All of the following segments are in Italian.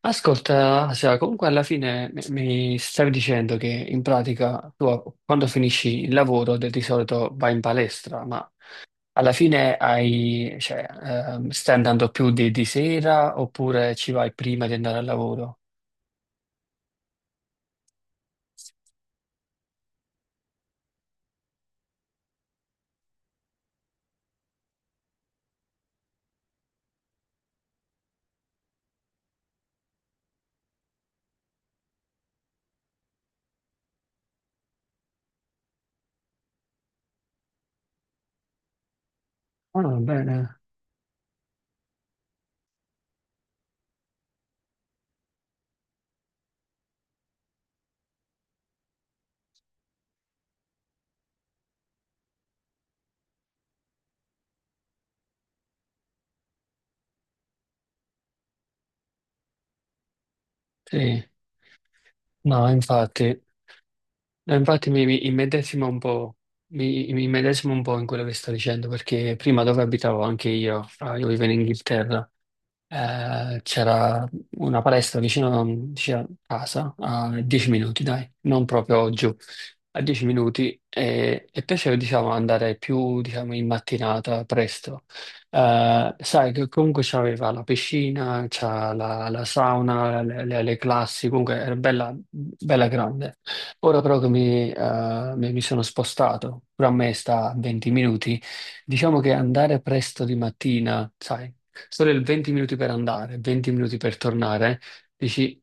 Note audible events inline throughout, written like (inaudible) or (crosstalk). Ascolta, Asia, comunque alla fine mi stavi dicendo che in pratica tu quando finisci il lavoro di solito vai in palestra, ma alla fine hai, cioè, stai andando più di sera oppure ci vai prima di andare al lavoro? Ah, va bene, sì. No, infatti, no, infatti mi immedesimo un po', mi immedesimo un po' in quello che sto dicendo perché prima dove abitavo anche io, io vivo in Inghilterra. C'era una palestra vicino, vicino a casa, a 10 minuti, dai, non proprio giù, a 10 minuti e piaceva, diciamo, andare più, diciamo, in mattinata, presto. Sai che comunque c'aveva la piscina, c'ha la sauna, le classi, comunque era bella, bella grande. Ora però che mi sono spostato, pure a me sta a 20 minuti, diciamo che andare presto di mattina, sai, solo il 20 minuti per andare, 20 minuti per tornare, dici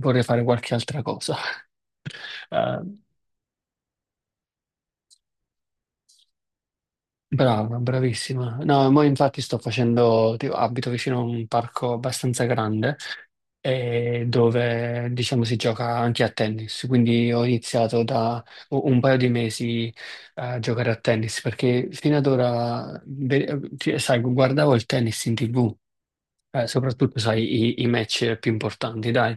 vorrei fare qualche altra cosa. (laughs) Eh, brava, bravissima. No, mo infatti sto facendo, tipo, abito vicino a un parco abbastanza grande e dove diciamo si gioca anche a tennis, quindi ho iniziato da un paio di mesi a giocare a tennis perché fino ad ora, cioè, sai, guardavo il tennis in TV. Soprattutto, sai, i match più importanti, dai.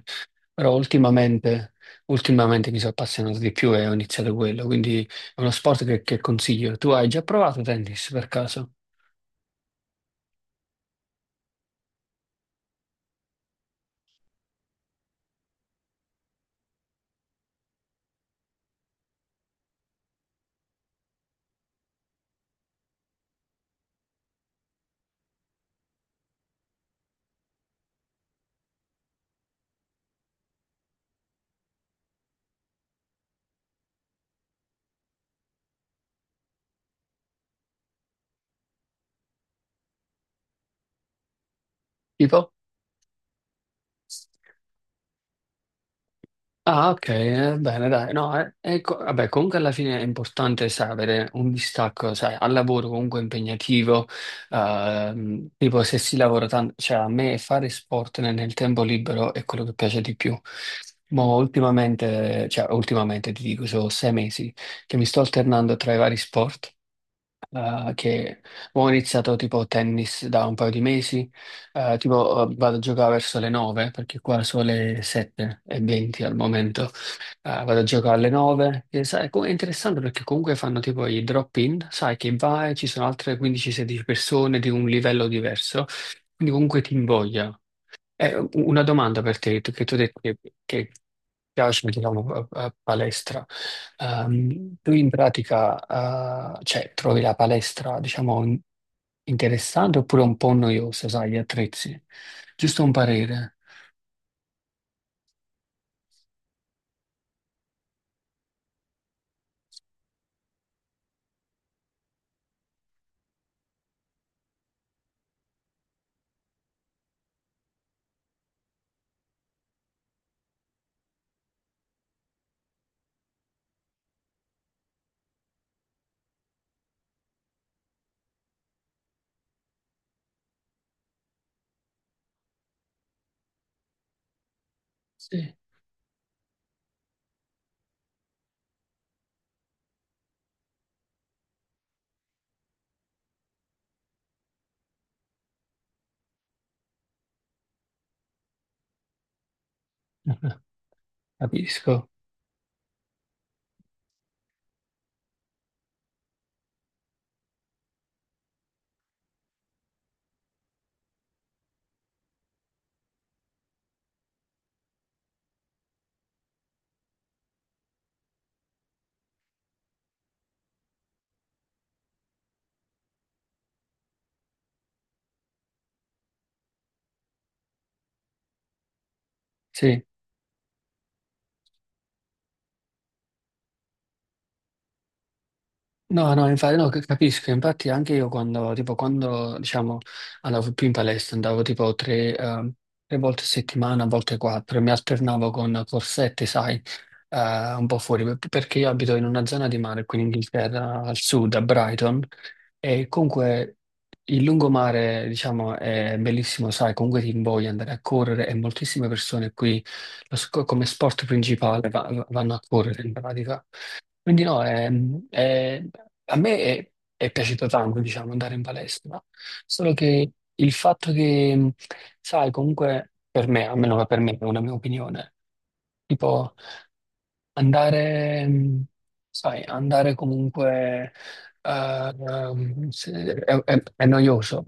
Però ultimamente mi sono appassionato di più e ho iniziato quello, quindi è uno sport che consiglio. Tu hai già provato tennis per caso? Tipo? Ah, ok, bene, dai. No, ecco, vabbè, comunque alla fine è importante, sai, avere un distacco, sai, al lavoro comunque impegnativo, tipo se si lavora tanto, cioè a me fare sport nel tempo libero è quello che piace di più. Ma ultimamente, cioè ultimamente ti dico, sono 6 mesi che mi sto alternando tra i vari sport. Eh, che ho iniziato tipo tennis da un paio di mesi, vado a giocare verso le 9 perché qua sono le 7 e 20 al momento. Vado a giocare alle 9 e sai, è interessante perché comunque fanno tipo i drop-in, sai che vai, ci sono altre 15-16 persone di un livello diverso, quindi comunque ti invoglia. Una domanda per te, che tu hai detto che piace, diciamo, a palestra. Tu in pratica, cioè, trovi la palestra, diciamo, interessante oppure un po' noiosa, sai, gli attrezzi? Giusto un parere. Sì, (laughs) capisco. Sì. No, no, infatti, no, capisco, infatti anche io quando, tipo, quando, diciamo, andavo più in palestra, andavo tipo tre volte a settimana, a volte quattro, e mi alternavo con corsette, sai, eh, un po' fuori, perché io abito in una zona di mare qui in Inghilterra, al sud, a Brighton, e comunque il lungomare, diciamo, è bellissimo, sai, comunque ti invoglia andare a correre e moltissime persone qui, come sport principale, vanno a correre in pratica. Quindi no, a me è piaciuto tanto, diciamo, andare in palestra, solo che il fatto che, sai, comunque per me, almeno che per me, è una mia opinione, tipo andare, sai, andare comunque è noioso,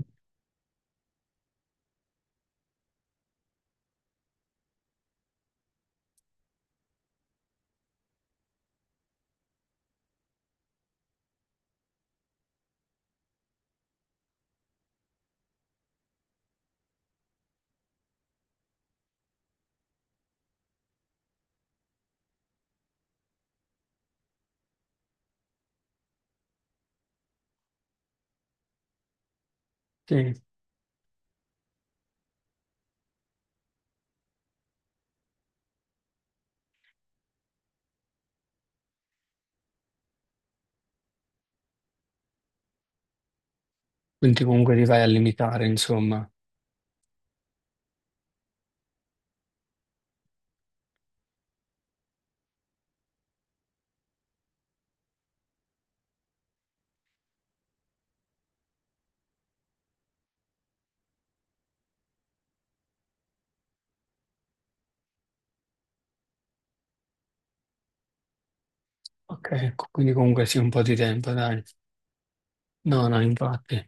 sì. Quindi comunque ti vai a limitare, insomma. Ok, quindi comunque sì, un po' di tempo, dai. No, no, infatti.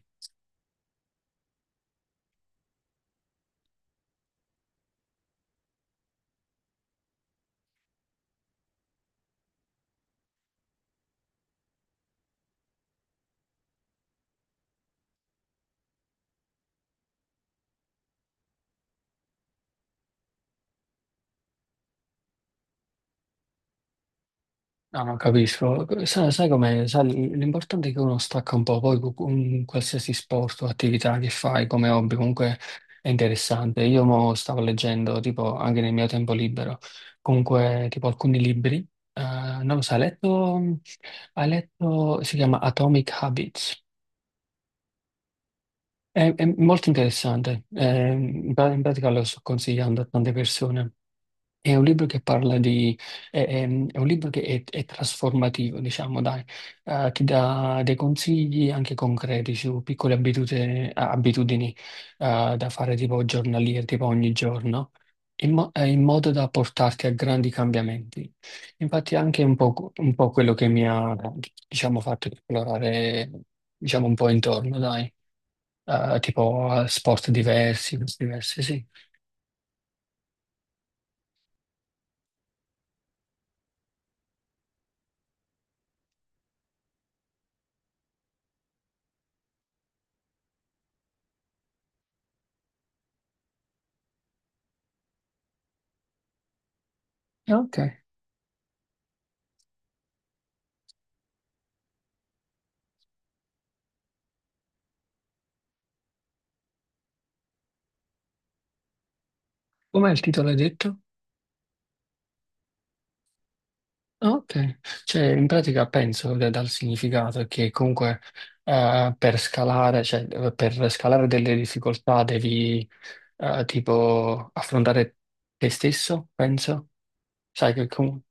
No, non capisco. Sai, sai com'è? Sai, l'importante è che uno stacca un po', poi un qualsiasi sport o attività che fai come hobby comunque è interessante. Io mo stavo leggendo, tipo, anche nel mio tempo libero, comunque, tipo, alcuni libri. Non lo so, hai letto, si chiama Atomic Habits. È molto interessante. In pratica lo sto consigliando a tante persone. È un libro che parla di, è, è- è un libro che è trasformativo, diciamo, dai. Ti dà dei consigli anche concreti su piccole da fare tipo giornaliere, tipo ogni giorno, in modo da portarti a grandi cambiamenti. Infatti è anche un po' quello che mi ha, diciamo, fatto esplorare, diciamo, un po' intorno, dai. Tipo sport diversi, cose diverse, sì. Ah, ok, com'è il titolo, hai detto? Ah, ok, cioè in pratica penso che dal significato che comunque per scalare delle difficoltà devi tipo affrontare te stesso, penso. Sai che comunque...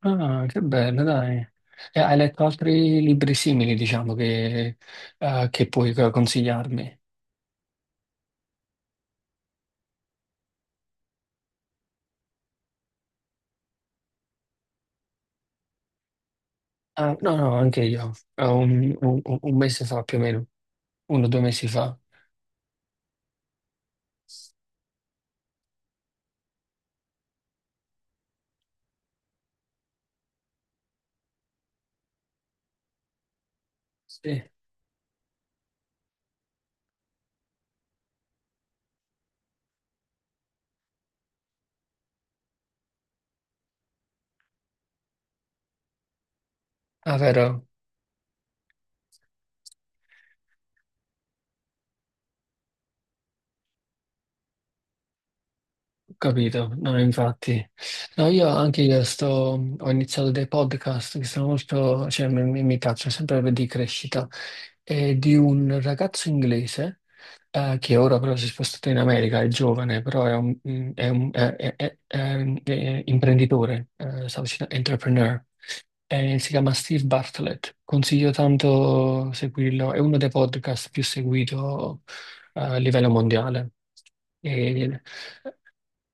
Ah, che bello, dai. E hai letto altri libri simili, diciamo, che puoi consigliarmi? Ah, no, no, anche io. Un mese fa più o meno, uno o due mesi fa. Sì. Ah, vero? Capito, no, infatti. No, io anche io sto, ho iniziato dei podcast che sono molto, cioè mi piacciono sempre di crescita, e di un ragazzo inglese che ora però si è spostato in America, è giovane, però è imprenditore, stavo dicendo entrepreneur. Si chiama Steve Bartlett. Consiglio tanto seguirlo, è uno dei podcast più seguito a livello mondiale. E-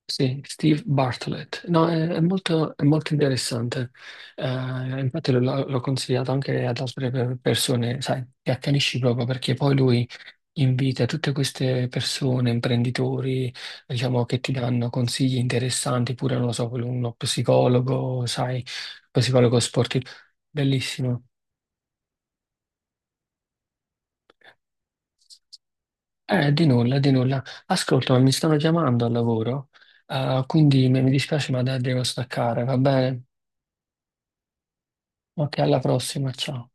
sì, Steve Bartlett. No, è molto interessante. Infatti l'ho consigliato anche ad altre persone, sai, ti accanisci proprio perché poi lui invita tutte queste persone, imprenditori, diciamo, che ti danno consigli interessanti, pure, non lo so, uno psicologo, sai, psicologo sportivo. Bellissimo. Di nulla, di nulla. Ascolta, ma mi stanno chiamando al lavoro, quindi mi dispiace, ma devo staccare, va bene? Ok, alla prossima, ciao.